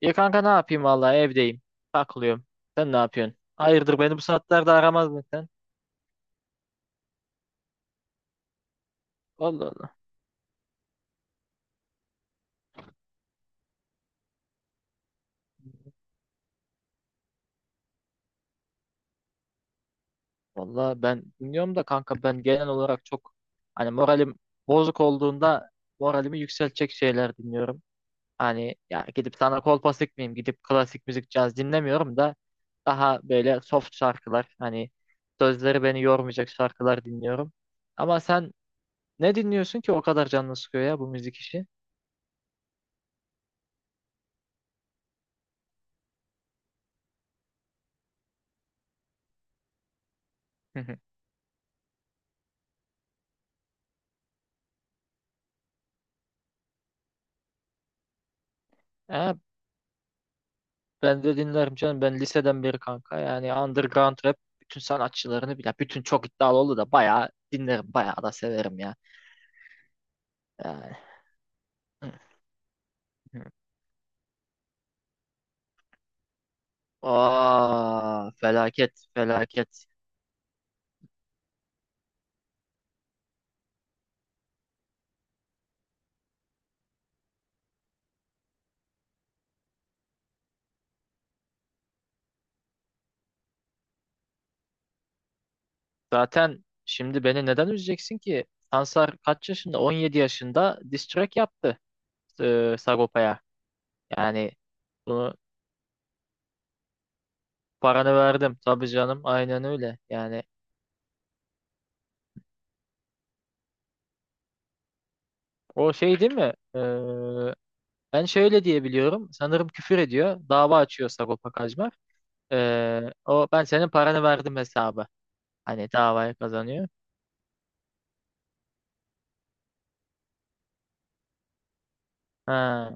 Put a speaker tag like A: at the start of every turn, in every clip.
A: Ya kanka ne yapayım vallahi evdeyim. Takılıyorum. Sen ne yapıyorsun? Hayırdır beni bu saatlerde aramazdın sen. Allah Allah. Vallahi ben dinliyorum da kanka ben genel olarak çok hani moralim bozuk olduğunda moralimi yükseltecek şeyler dinliyorum. Hani ya gidip sana kolpa sıkmayayım gidip klasik müzik caz dinlemiyorum da daha böyle soft şarkılar hani sözleri beni yormayacak şarkılar dinliyorum. Ama sen ne dinliyorsun ki o kadar canını sıkıyor ya bu müzik işi? Ha, ben de dinlerim canım. Ben liseden beri kanka. Yani underground rap bütün sanatçılarını bile. Bütün çok iddialı oldu da bayağı dinlerim. Bayağı da severim ya. Yani. Aa, felaket felaket. Zaten şimdi beni neden üzeceksin ki? Sansar kaç yaşında? 17 yaşında diss track yaptı Sagopa'ya. Yani bunu paranı verdim. Tabii canım aynen öyle. Yani o şey değil mi? Ben şöyle diye biliyorum. Sanırım küfür ediyor. Dava açıyor Sagopa Kajmer. O ben senin paranı verdim hesabı. Hani davayı kazanıyor. Ha,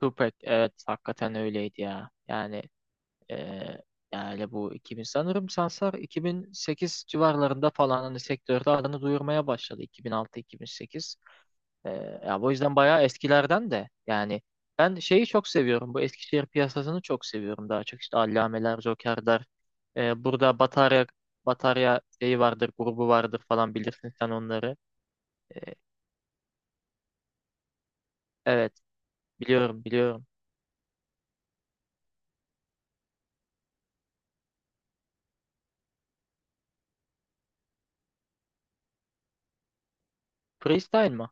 A: Tupac evet hakikaten öyleydi ya. Yani ee, yani bu 2000 sanırım Sansar 2008 civarlarında falan hani sektörde adını duyurmaya başladı 2006-2008. Ya bu yüzden bayağı eskilerden de yani ben şeyi çok seviyorum. Bu Eskişehir piyasasını çok seviyorum daha çok. İşte Allameler, Joker'ler. Burada Batarya şeyi vardır, grubu vardır falan bilirsin sen onları. Ee, evet, biliyorum, biliyorum. Freestyle mı?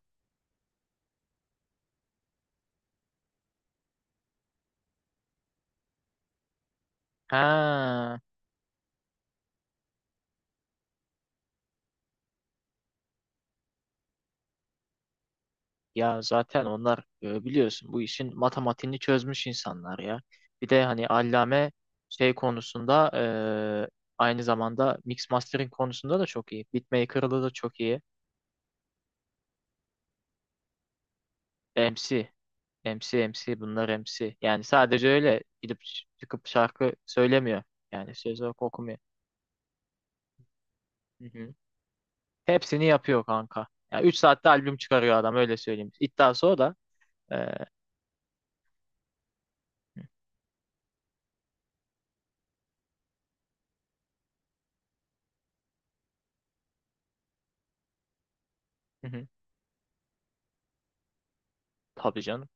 A: Ha, ya zaten onlar biliyorsun bu işin matematiğini çözmüş insanlar ya. Bir de hani Allame şey konusunda e, aynı zamanda mix mastering konusunda da çok iyi. Beatmaker'da da çok iyi. MC. MC bunlar MC. Yani sadece öyle gidip çıkıp şarkı söylemiyor. Yani söz yok okumuyor. Hı hı. Hepsini yapıyor kanka. Yani 3 saatte albüm çıkarıyor adam öyle söyleyeyim. İddiası o da. Ee, hı hı. Tabii canım.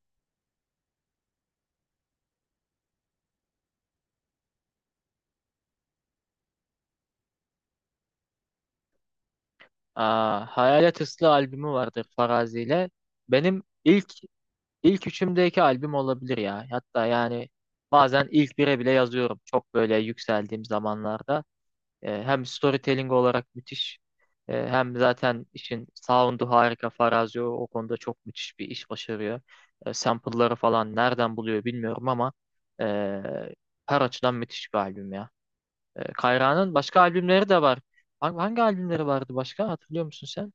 A: Aa, Hayalet Islı albümü vardır Farazi ile. Benim ilk üçümdeki albüm olabilir ya. Hatta yani bazen ilk bire bile yazıyorum. Çok böyle yükseldiğim zamanlarda. Hem storytelling olarak müthiş. Hem zaten işin sound'u harika. Farazi o konuda çok müthiş bir iş başarıyor. Sample'ları falan nereden buluyor bilmiyorum ama e, her açıdan müthiş bir albüm ya. Kayra'nın başka albümleri de var. Hangi albümleri vardı başka? Hatırlıyor musun sen?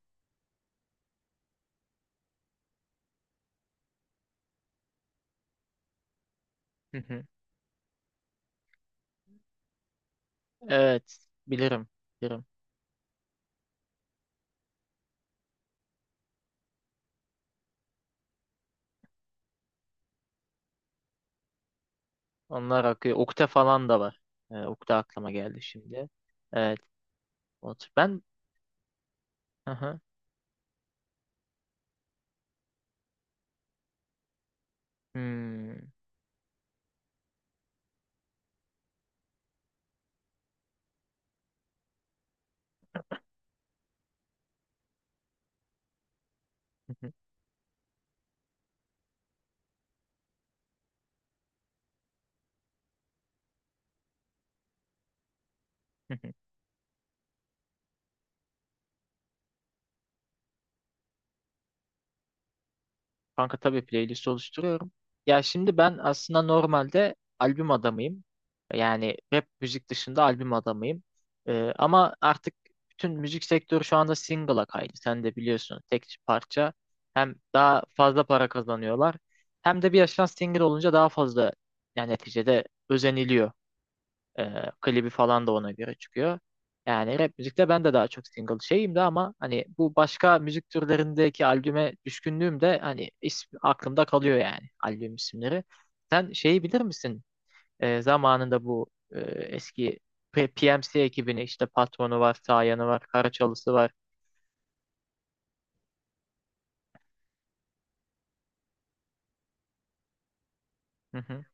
A: Hı hı. Evet, bilirim, bilirim. Onlar akıyor. Ukde falan da var. Ukde aklıma geldi şimdi. Evet, ben hı hı. Hmm. Kanka tabii playlist oluşturuyorum. Ya şimdi ben aslında normalde albüm adamıyım. Yani rap müzik dışında albüm adamıyım. Ama artık bütün müzik sektörü şu anda single'a kaydı. Sen de biliyorsun tek parça. Hem daha fazla para kazanıyorlar. Hem de bir yaştan single olunca daha fazla yani neticede özeniliyor. Klibi falan da ona göre çıkıyor. Yani rap müzikte ben de daha çok single şeyim de ama hani bu başka müzik türlerindeki albüme düşkünlüğüm de hani ismi, aklımda kalıyor yani albüm isimleri. Sen şeyi bilir misin? Zamanında bu eski PMC ekibini işte Patron'u var, Sayan'ı var, Karaçalısı var. Hı hı.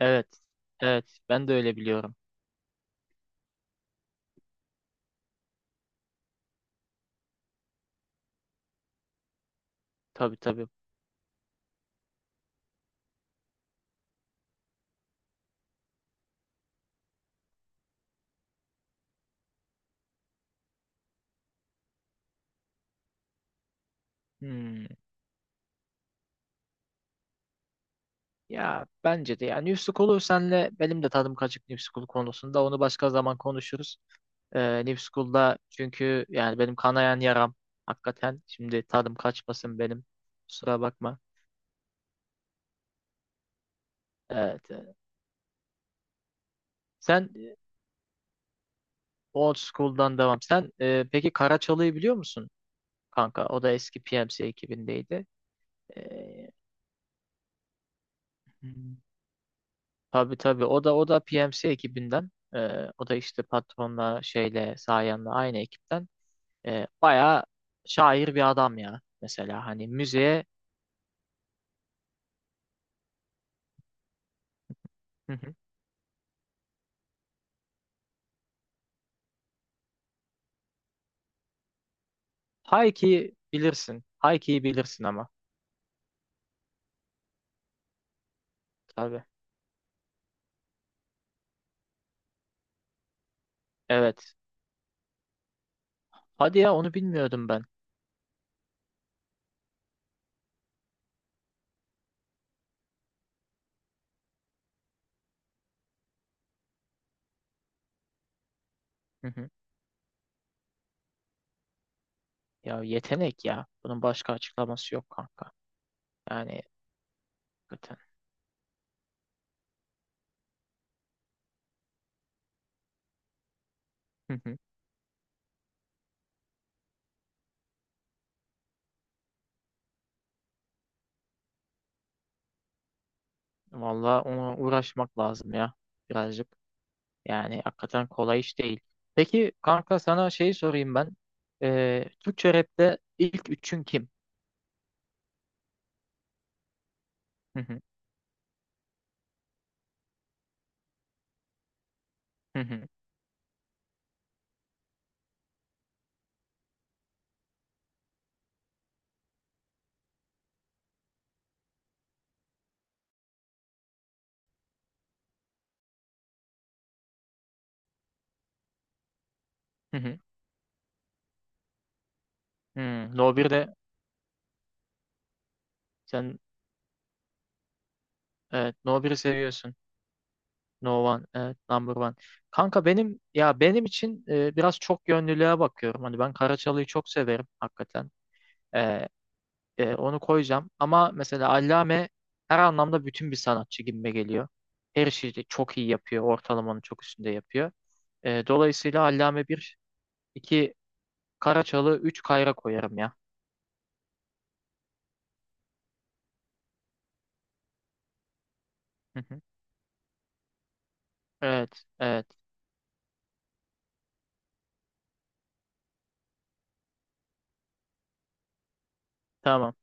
A: Evet. Evet. Ben de öyle biliyorum. Tabii tabii. Hmm. Ya bence de yani New School'u senle benim de tadım kaçık New School konusunda onu başka zaman konuşuruz. New School'da çünkü yani benim kanayan yaram hakikaten. Şimdi tadım kaçmasın benim. Kusura bakma. Evet. Sen Old School'dan devam. Sen peki Karaçalı'yı biliyor musun kanka? O da eski PMC ekibindeydi. Ee, hmm, tabii tabii. O da PMC ekibinden. O da işte patronla şeyle Sayan'la aynı ekipten. Bayağı şair bir adam ya. Mesela hani müziğe. Hı hı. Hayki bilirsin. Hayki'yi bilirsin ama. Tabii. Evet. Hadi ya onu bilmiyordum ben. Hı hı. Ya yetenek ya. Bunun başka açıklaması yok kanka. Yani hakikaten. Hı hı. Vallahi ona uğraşmak lazım ya. Birazcık. Yani hakikaten kolay iş değil. Peki kanka sana şeyi sorayım ben. Türkçe rapte ilk üçün kim? Hı hı. Hı hı. Hı hı. No 1'de sen evet, No 1'i seviyorsun. No One, evet, Number One. Kanka benim ya benim için biraz çok yönlülüğe bakıyorum. Hani ben Karaçalı'yı çok severim hakikaten. Ee, Onu koyacağım. Ama mesela Allame her anlamda bütün bir sanatçı gibime geliyor. Her şeyi de çok iyi yapıyor. Ortalamanın çok üstünde yapıyor. Dolayısıyla Allame bir 2 Karaçalı, 3 Kayra koyarım ya. Hı hı. Evet, evet. Tamam.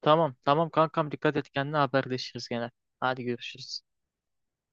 A: Tamam, tamam kankam dikkat et kendine haberleşiriz gene. Hadi görüşürüz.